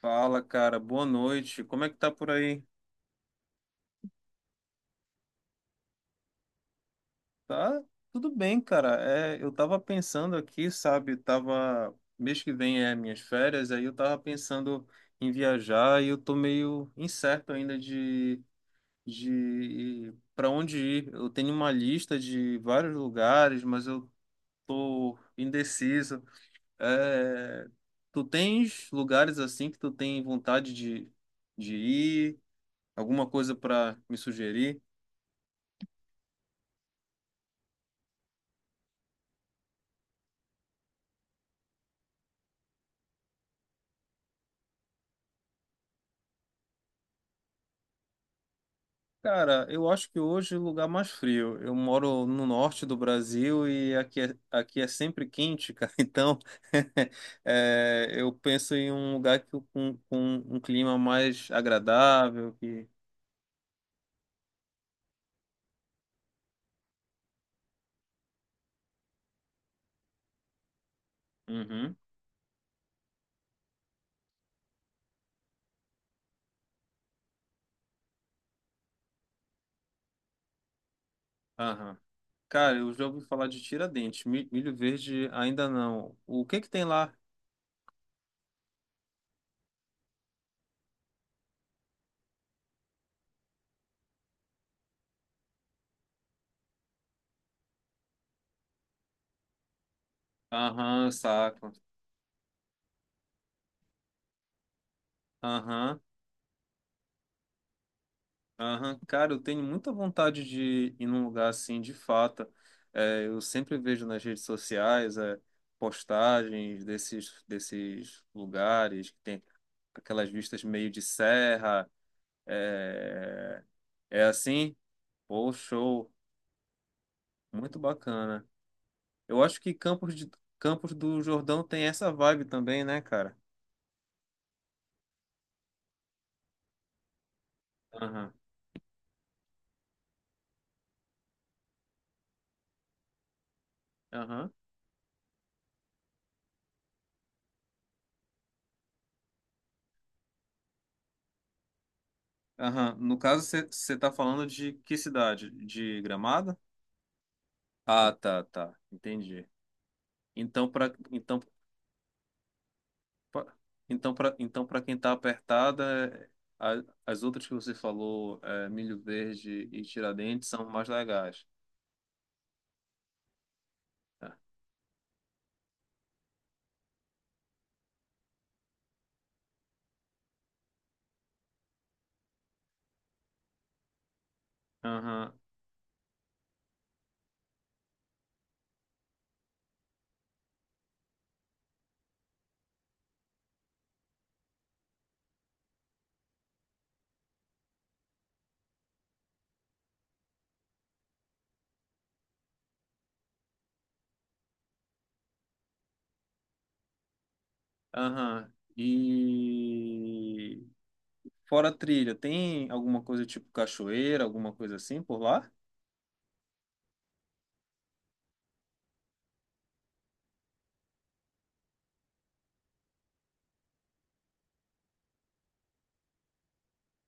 Fala, cara, boa noite. Como é que tá por aí? Tá tudo bem, cara. É, eu tava pensando aqui, sabe? Tava mês que vem é minhas férias, aí eu tava pensando em viajar e eu tô meio incerto ainda de para onde ir. Eu tenho uma lista de vários lugares, mas eu tô indeciso. É, tu tens lugares assim que tu tem vontade de ir? Alguma coisa para me sugerir? Cara, eu acho que hoje é o lugar mais frio. Eu moro no norte do Brasil e aqui é sempre quente, cara. Então, é, eu penso em um lugar que, com um clima mais agradável. Uhum, aham. Cara, eu já ouvi falar de Tiradentes. Milho Verde ainda não. O que que tem lá? Aham, saco. Aham. Aham, cara, eu tenho muita vontade de ir num lugar assim, de fato. É, eu sempre vejo nas redes sociais, é, postagens desses lugares que tem aquelas vistas meio de serra. É, é assim? Pô, show! Muito bacana. Eu acho que Campos do Jordão tem essa vibe também, né, cara? Aham, aham, aham. No caso, você tá falando de que cidade? De Gramado? Ah, tá, tá. Entendi. Então, para então, pra- então, para então, para quem está apertada, as outras que você falou, é, Milho Verde e Tiradentes, são mais legais. Tá? Aham, aham. E fora trilha, tem alguma coisa tipo cachoeira, alguma coisa assim por lá?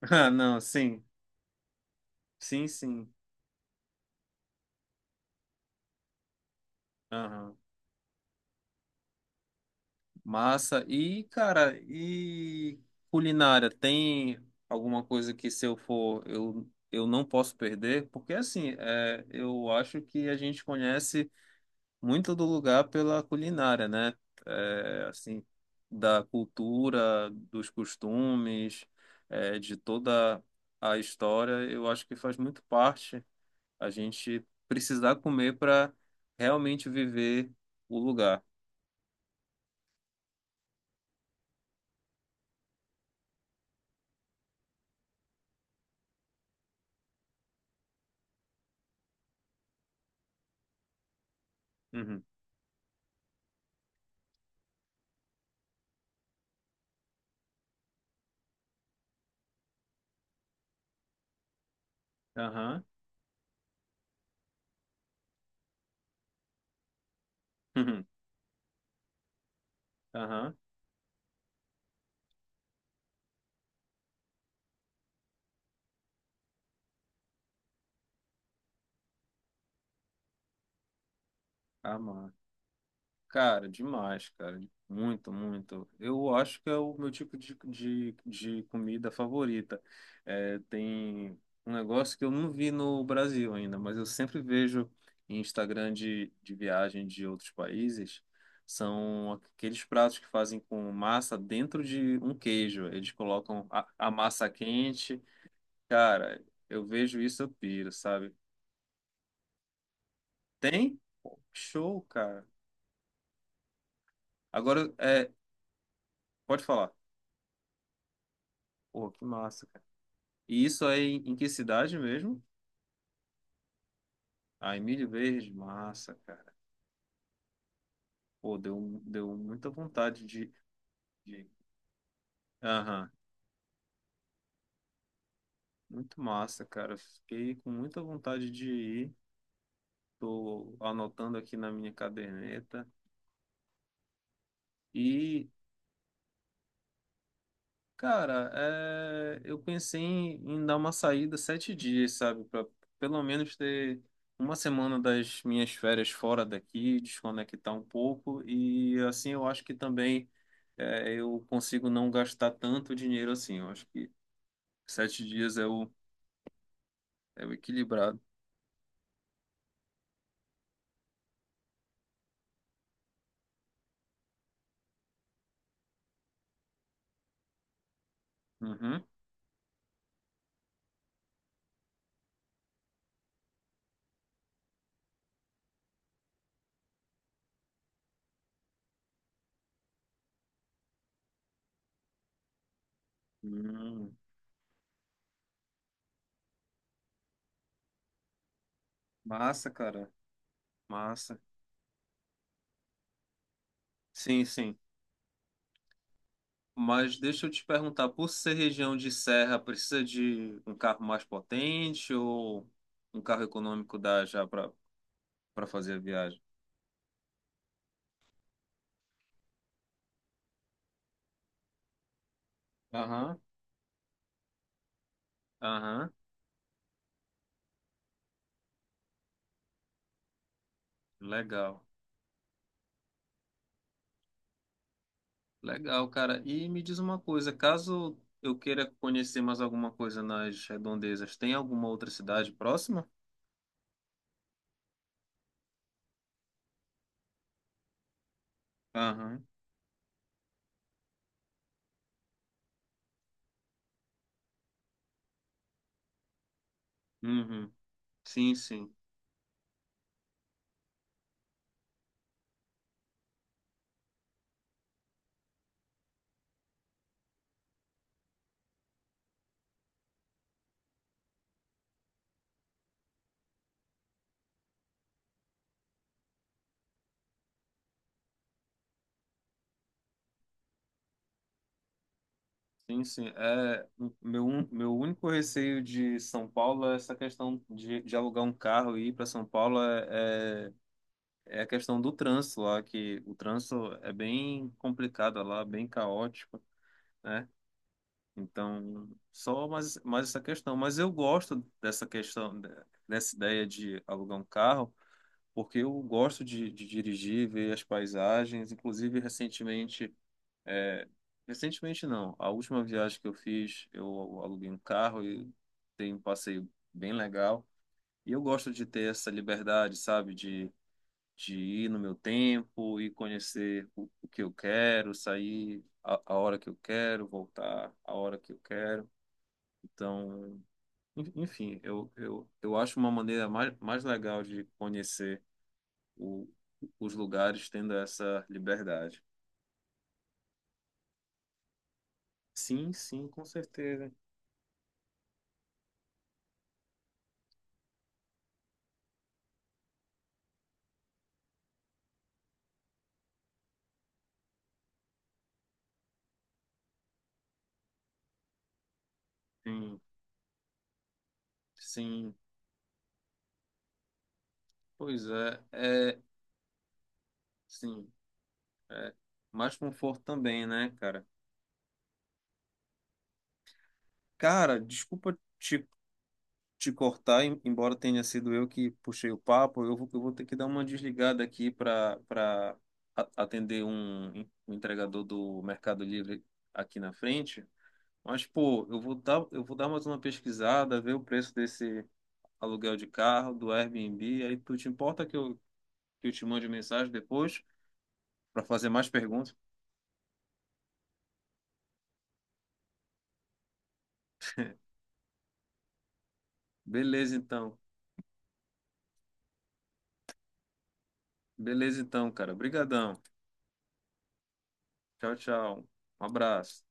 Ah, não, sim, sim, sim. Aham. Massa. E, cara, e culinária, tem alguma coisa que se eu for, eu não posso perder? Porque, assim, é, eu acho que a gente conhece muito do lugar pela culinária, né? É, assim, da cultura, dos costumes, é, de toda a história, eu acho que faz muito parte a gente precisar comer para realmente viver o lugar. Uhum. Aham. Uhum. Aham. Amar. Cara, demais, cara. Muito, muito. Eu acho que é o meu tipo de comida favorita. É, tem um negócio que eu não vi no Brasil ainda, mas eu sempre vejo em Instagram de viagem de outros países. São aqueles pratos que fazem com massa dentro de um queijo. Eles colocam a massa quente. Cara, eu vejo isso, eu piro, sabe? Tem? Show, cara. Agora, é, pode falar. Pô, que massa, cara. E isso aí em que cidade mesmo? Ah, Emílio Verde, massa, cara. Pô, deu, um, deu muita vontade de... Aham, muito massa, cara. Fiquei com muita vontade de ir. Tô anotando aqui na minha caderneta. E, cara, é, eu pensei em dar uma saída 7 dias, sabe? Pra pelo menos ter uma semana das minhas férias fora daqui, desconectar um pouco. E assim eu acho que também é, eu consigo não gastar tanto dinheiro assim. Eu acho que 7 dias é o equilibrado. Uhum. Hum, massa, cara. Massa. Sim, sim. Mas deixa eu te perguntar, por ser região de serra, precisa de um carro mais potente ou um carro econômico dá já para fazer a viagem? Aham. Aham, legal. Legal, cara. E me diz uma coisa, caso eu queira conhecer mais alguma coisa nas redondezas, tem alguma outra cidade próxima? Aham. Uhum. Sim, sim. Sim, sim. É, meu único receio de São Paulo é essa questão de alugar um carro e ir para São Paulo é é a questão do trânsito lá, que o trânsito é bem complicado lá, bem caótico, né? Então, só mais essa questão. Mas eu gosto dessa questão, dessa ideia de alugar um carro, porque eu gosto de dirigir, ver as paisagens. Inclusive, recentemente, é, recentemente não, a última viagem que eu fiz, eu aluguei um carro e tem um passeio bem legal. E eu gosto de ter essa liberdade, sabe? De ir no meu tempo e conhecer o que eu quero, sair a hora que eu quero, voltar a hora que eu quero. Então, enfim, eu acho uma maneira mais legal de conhecer o, os lugares tendo essa liberdade. Sim, sim, com certeza. Sim, sim. Pois sim, é mais conforto também, né, cara? Cara, desculpa te cortar, embora tenha sido eu que puxei o papo, eu vou ter que dar uma desligada aqui para atender um entregador do Mercado Livre aqui na frente. Mas, pô, eu vou dar mais uma pesquisada, ver o preço desse aluguel de carro, do Airbnb. Aí tu te importa que eu te mande mensagem depois para fazer mais perguntas? Beleza, então. Beleza, então, cara. Obrigadão. Tchau, tchau. Um abraço.